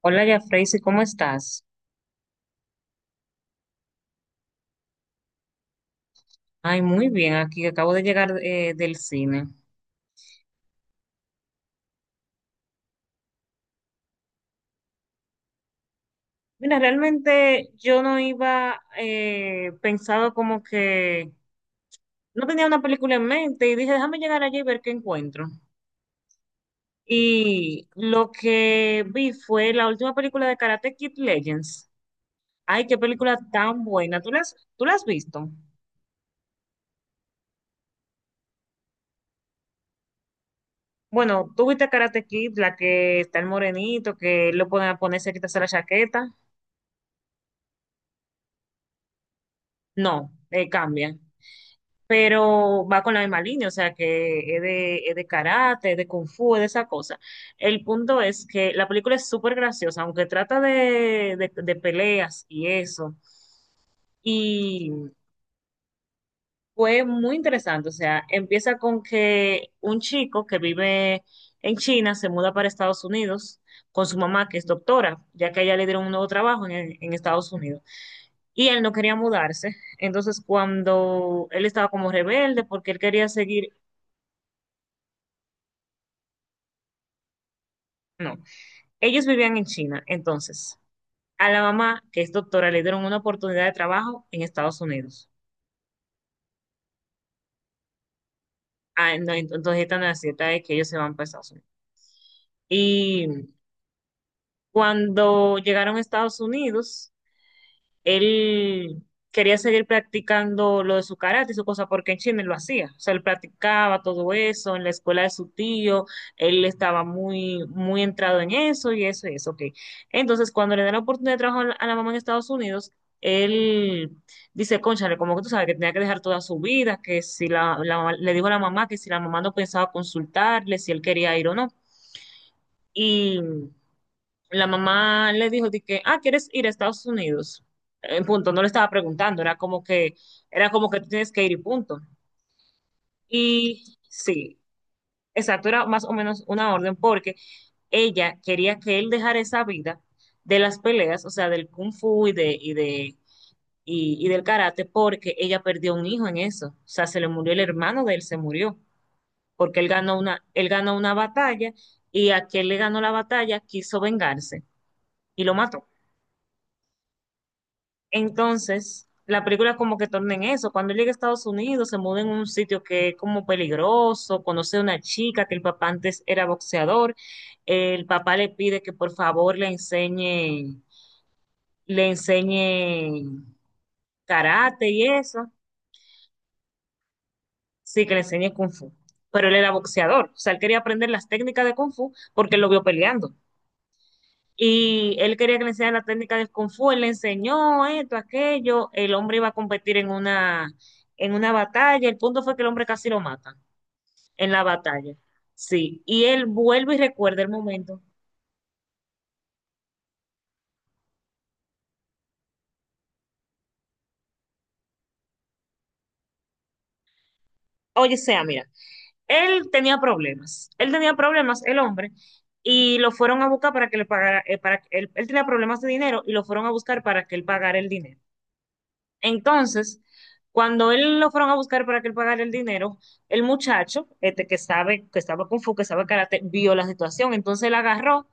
Hola, ya Freysi, ¿cómo estás? Ay, muy bien, aquí acabo de llegar del cine. Mira, realmente yo no iba pensado como que no tenía una película en mente y dije, déjame llegar allí y ver qué encuentro. Y lo que vi fue la última película de Karate Kid Legends. Ay, qué película tan buena. ¿Tú la has visto? Bueno, tú viste Karate Kid, la que está el morenito, que lo pueden ponerse, quitarse la chaqueta. No, cambia. Pero va con la misma línea, o sea que es de karate, es de kung fu, es de esa cosa. El punto es que la película es súper graciosa, aunque trata de peleas y eso. Y fue muy interesante, o sea, empieza con que un chico que vive en China se muda para Estados Unidos con su mamá, que es doctora, ya que a ella le dieron un nuevo trabajo en Estados Unidos. Y él no quería mudarse. Entonces, cuando él estaba como rebelde porque él quería seguir... No. Ellos vivían en China, entonces a la mamá, que es doctora, le dieron una oportunidad de trabajo en Estados Unidos. Ah, no, entonces esta necesidad es que ellos se van para Estados Unidos. Y cuando llegaron a Estados Unidos, él quería seguir practicando lo de su karate y su cosa, porque en China él lo hacía. O sea, él practicaba todo eso en la escuela de su tío, él estaba muy, muy entrado en eso y eso y eso, ok. Entonces, cuando le dan la oportunidad de trabajar a la mamá en Estados Unidos, él dice, cónchale, como que tú sabes que tenía que dejar toda su vida, que si la le dijo a la mamá que si la mamá no pensaba consultarle, si él quería ir o no. Y la mamá le dijo de que, ah, ¿quieres ir a Estados Unidos? En punto, no le estaba preguntando, era como que tú tienes que ir y punto. Y sí, exacto, era más o menos una orden porque ella quería que él dejara esa vida de las peleas, o sea, del kung fu y de, y de, y del karate, porque ella perdió un hijo en eso. O sea, se le murió el hermano de él, se murió, porque él ganó una batalla y aquel le ganó la batalla, quiso vengarse y lo mató. Entonces, la película como que torna en eso. Cuando él llega a Estados Unidos, se muda en un sitio que es como peligroso, conoce a una chica que el papá antes era boxeador. El papá le pide que por favor le enseñe karate y eso. Sí, que le enseñe kung fu. Pero él era boxeador. O sea, él quería aprender las técnicas de kung fu porque él lo vio peleando. Y él quería que le enseñara la técnica del Kung Fu, él le enseñó esto, aquello, el hombre iba a competir en una batalla, el punto fue que el hombre casi lo mata en la batalla, sí, y él vuelve y recuerda el momento. Oye, sea, mira, él tenía problemas, el hombre, y lo fueron a buscar para que le pagara, para, que él tenía problemas de dinero y lo fueron a buscar para que él pagara el dinero. Entonces, cuando él lo fueron a buscar para que él pagara el dinero, el muchacho, este que sabe, que estaba Kung Fu, que sabe karate, vio la situación. Entonces él agarró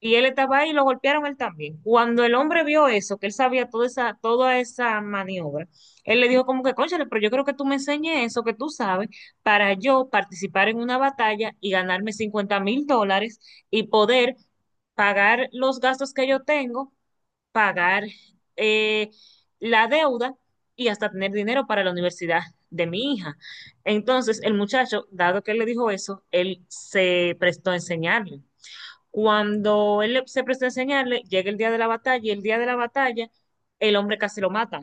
y él estaba ahí y lo golpearon él también. Cuando el hombre vio eso, que él sabía toda esa maniobra, él le dijo como que, cónchale, pero yo creo que tú me enseñes eso que tú sabes para yo participar en una batalla y ganarme $50.000 y poder pagar los gastos que yo tengo pagar eh, la deuda y hasta tener dinero para la universidad de mi hija. Entonces, el muchacho, dado que él le dijo eso, él se prestó a enseñarle. Cuando se prestó a enseñarle, llega el día de la batalla y el día de la batalla, el hombre casi lo mata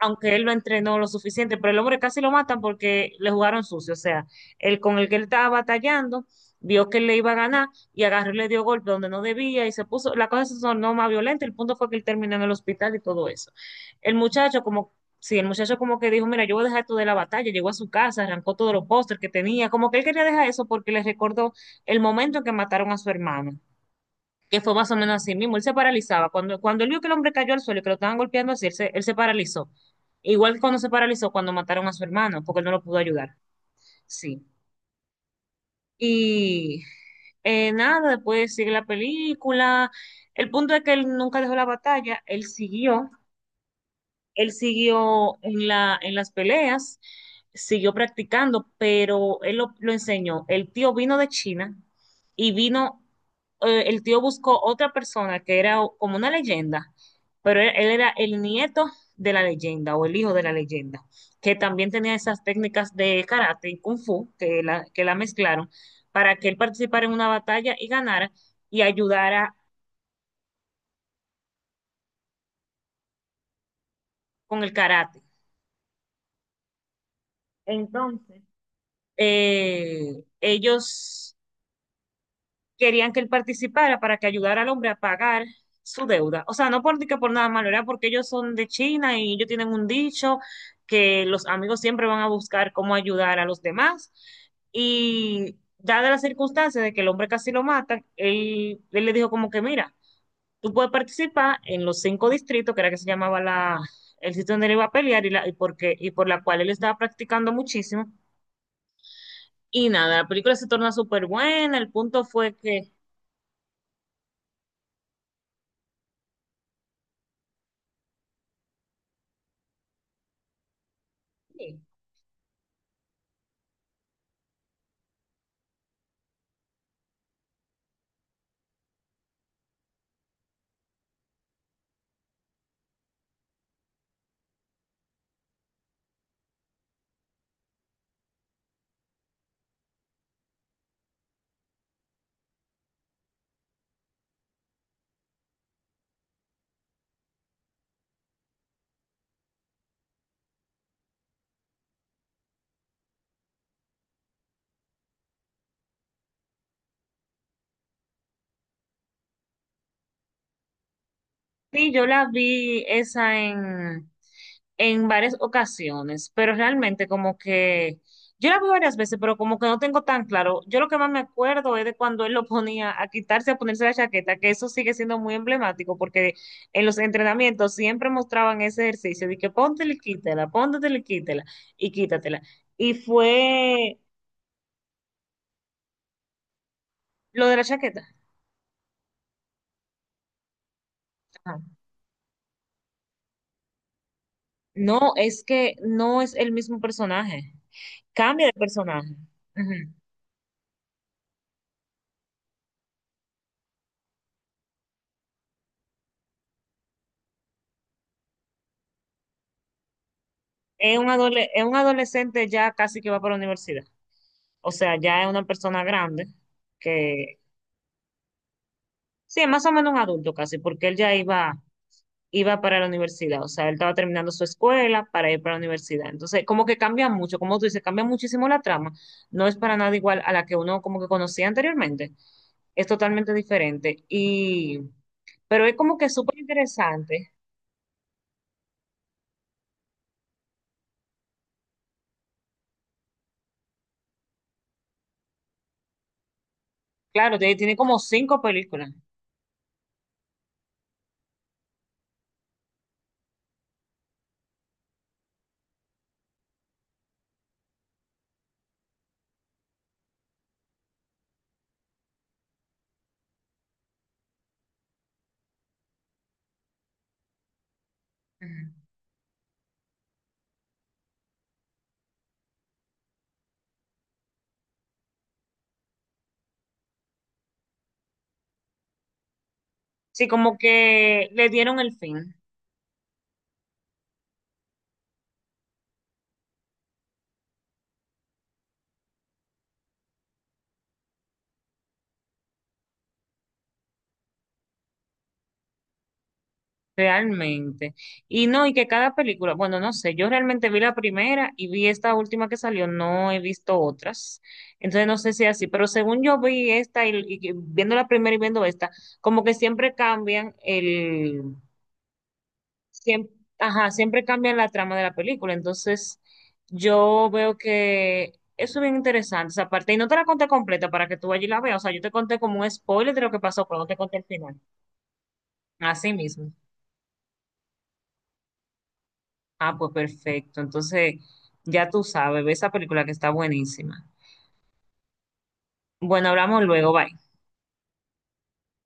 aunque él lo entrenó lo suficiente, pero el hombre casi lo matan porque le jugaron sucio, o sea, el con el que él estaba batallando vio que él le iba a ganar y agarró y le dio golpe donde no debía y se puso, la cosa se tornó más violenta, el punto fue que él terminó en el hospital y todo eso. El muchacho como, sí, el muchacho como que dijo, mira, yo voy a dejar esto de la batalla, llegó a su casa, arrancó todos los pósters que tenía, como que él quería dejar eso porque le recordó el momento en que mataron a su hermano, que fue más o menos así mismo. Él se paralizaba. Cuando él vio que el hombre cayó al suelo y que lo estaban golpeando así, él se paralizó. Igual que cuando se paralizó cuando mataron a su hermano, porque él no lo pudo ayudar. Sí. Y nada, después sigue la película. El punto es que él nunca dejó la batalla, él siguió en las peleas, siguió practicando, pero lo enseñó. El tío vino de China y el tío buscó otra persona que era como una leyenda, pero él era el nieto de la leyenda o el hijo de la leyenda, que también tenía esas técnicas de karate y kung fu que la mezclaron para que él participara en una batalla y ganara y ayudara con el karate. Entonces, ellos querían que él participara para que ayudara al hombre a pagar su deuda. O sea, no por, que por nada malo, era porque ellos son de China y ellos tienen un dicho que los amigos siempre van a buscar cómo ayudar a los demás. Y dada la circunstancia de que el hombre casi lo matan, él le dijo como que, mira, tú puedes participar en los cinco distritos, que era que se llamaba el sitio donde él iba a pelear y por la cual él estaba practicando muchísimo. Y nada, la película se torna súper buena, el punto fue que sí, yo la vi esa en varias ocasiones, pero realmente como que yo la vi varias veces, pero como que no tengo tan claro. Yo lo que más me acuerdo es de cuando él lo ponía a quitarse, a ponerse la chaqueta, que eso sigue siendo muy emblemático porque en los entrenamientos siempre mostraban ese ejercicio de que póntela y quítela y quítatela. Y fue lo de la chaqueta. Ajá. No, es que no es el mismo personaje. Cambia de personaje. Ujú. Es un es un adolescente ya casi que va para la universidad. O sea, ya es una persona grande que, sí, es más o menos un adulto casi, porque él ya iba para la universidad. O sea, él estaba terminando su escuela para ir para la universidad. Entonces, como que cambia mucho, como tú dices, cambia muchísimo la trama. No es para nada igual a la que uno como que conocía anteriormente. Es totalmente diferente. Y, pero es como que súper interesante. Claro, tiene como cinco películas. Ujú. Sí, como que le dieron el fin. Realmente. Y no, y que cada película, bueno, no sé, yo realmente vi la primera y vi esta última que salió, no he visto otras. Entonces no sé si es así, pero según yo vi esta y viendo la primera y viendo esta, como que siempre cambian el, siempre, ajá, siempre cambian la trama de la película. Entonces yo veo que eso es bien interesante esa parte. Y no te la conté completa para que tú allí la veas. O sea, yo te conté como un spoiler de lo que pasó, pero no te conté el final. Así mismo. Ah, pues perfecto. Entonces, ya tú sabes, ve esa película que está buenísima. Bueno, hablamos luego, bye.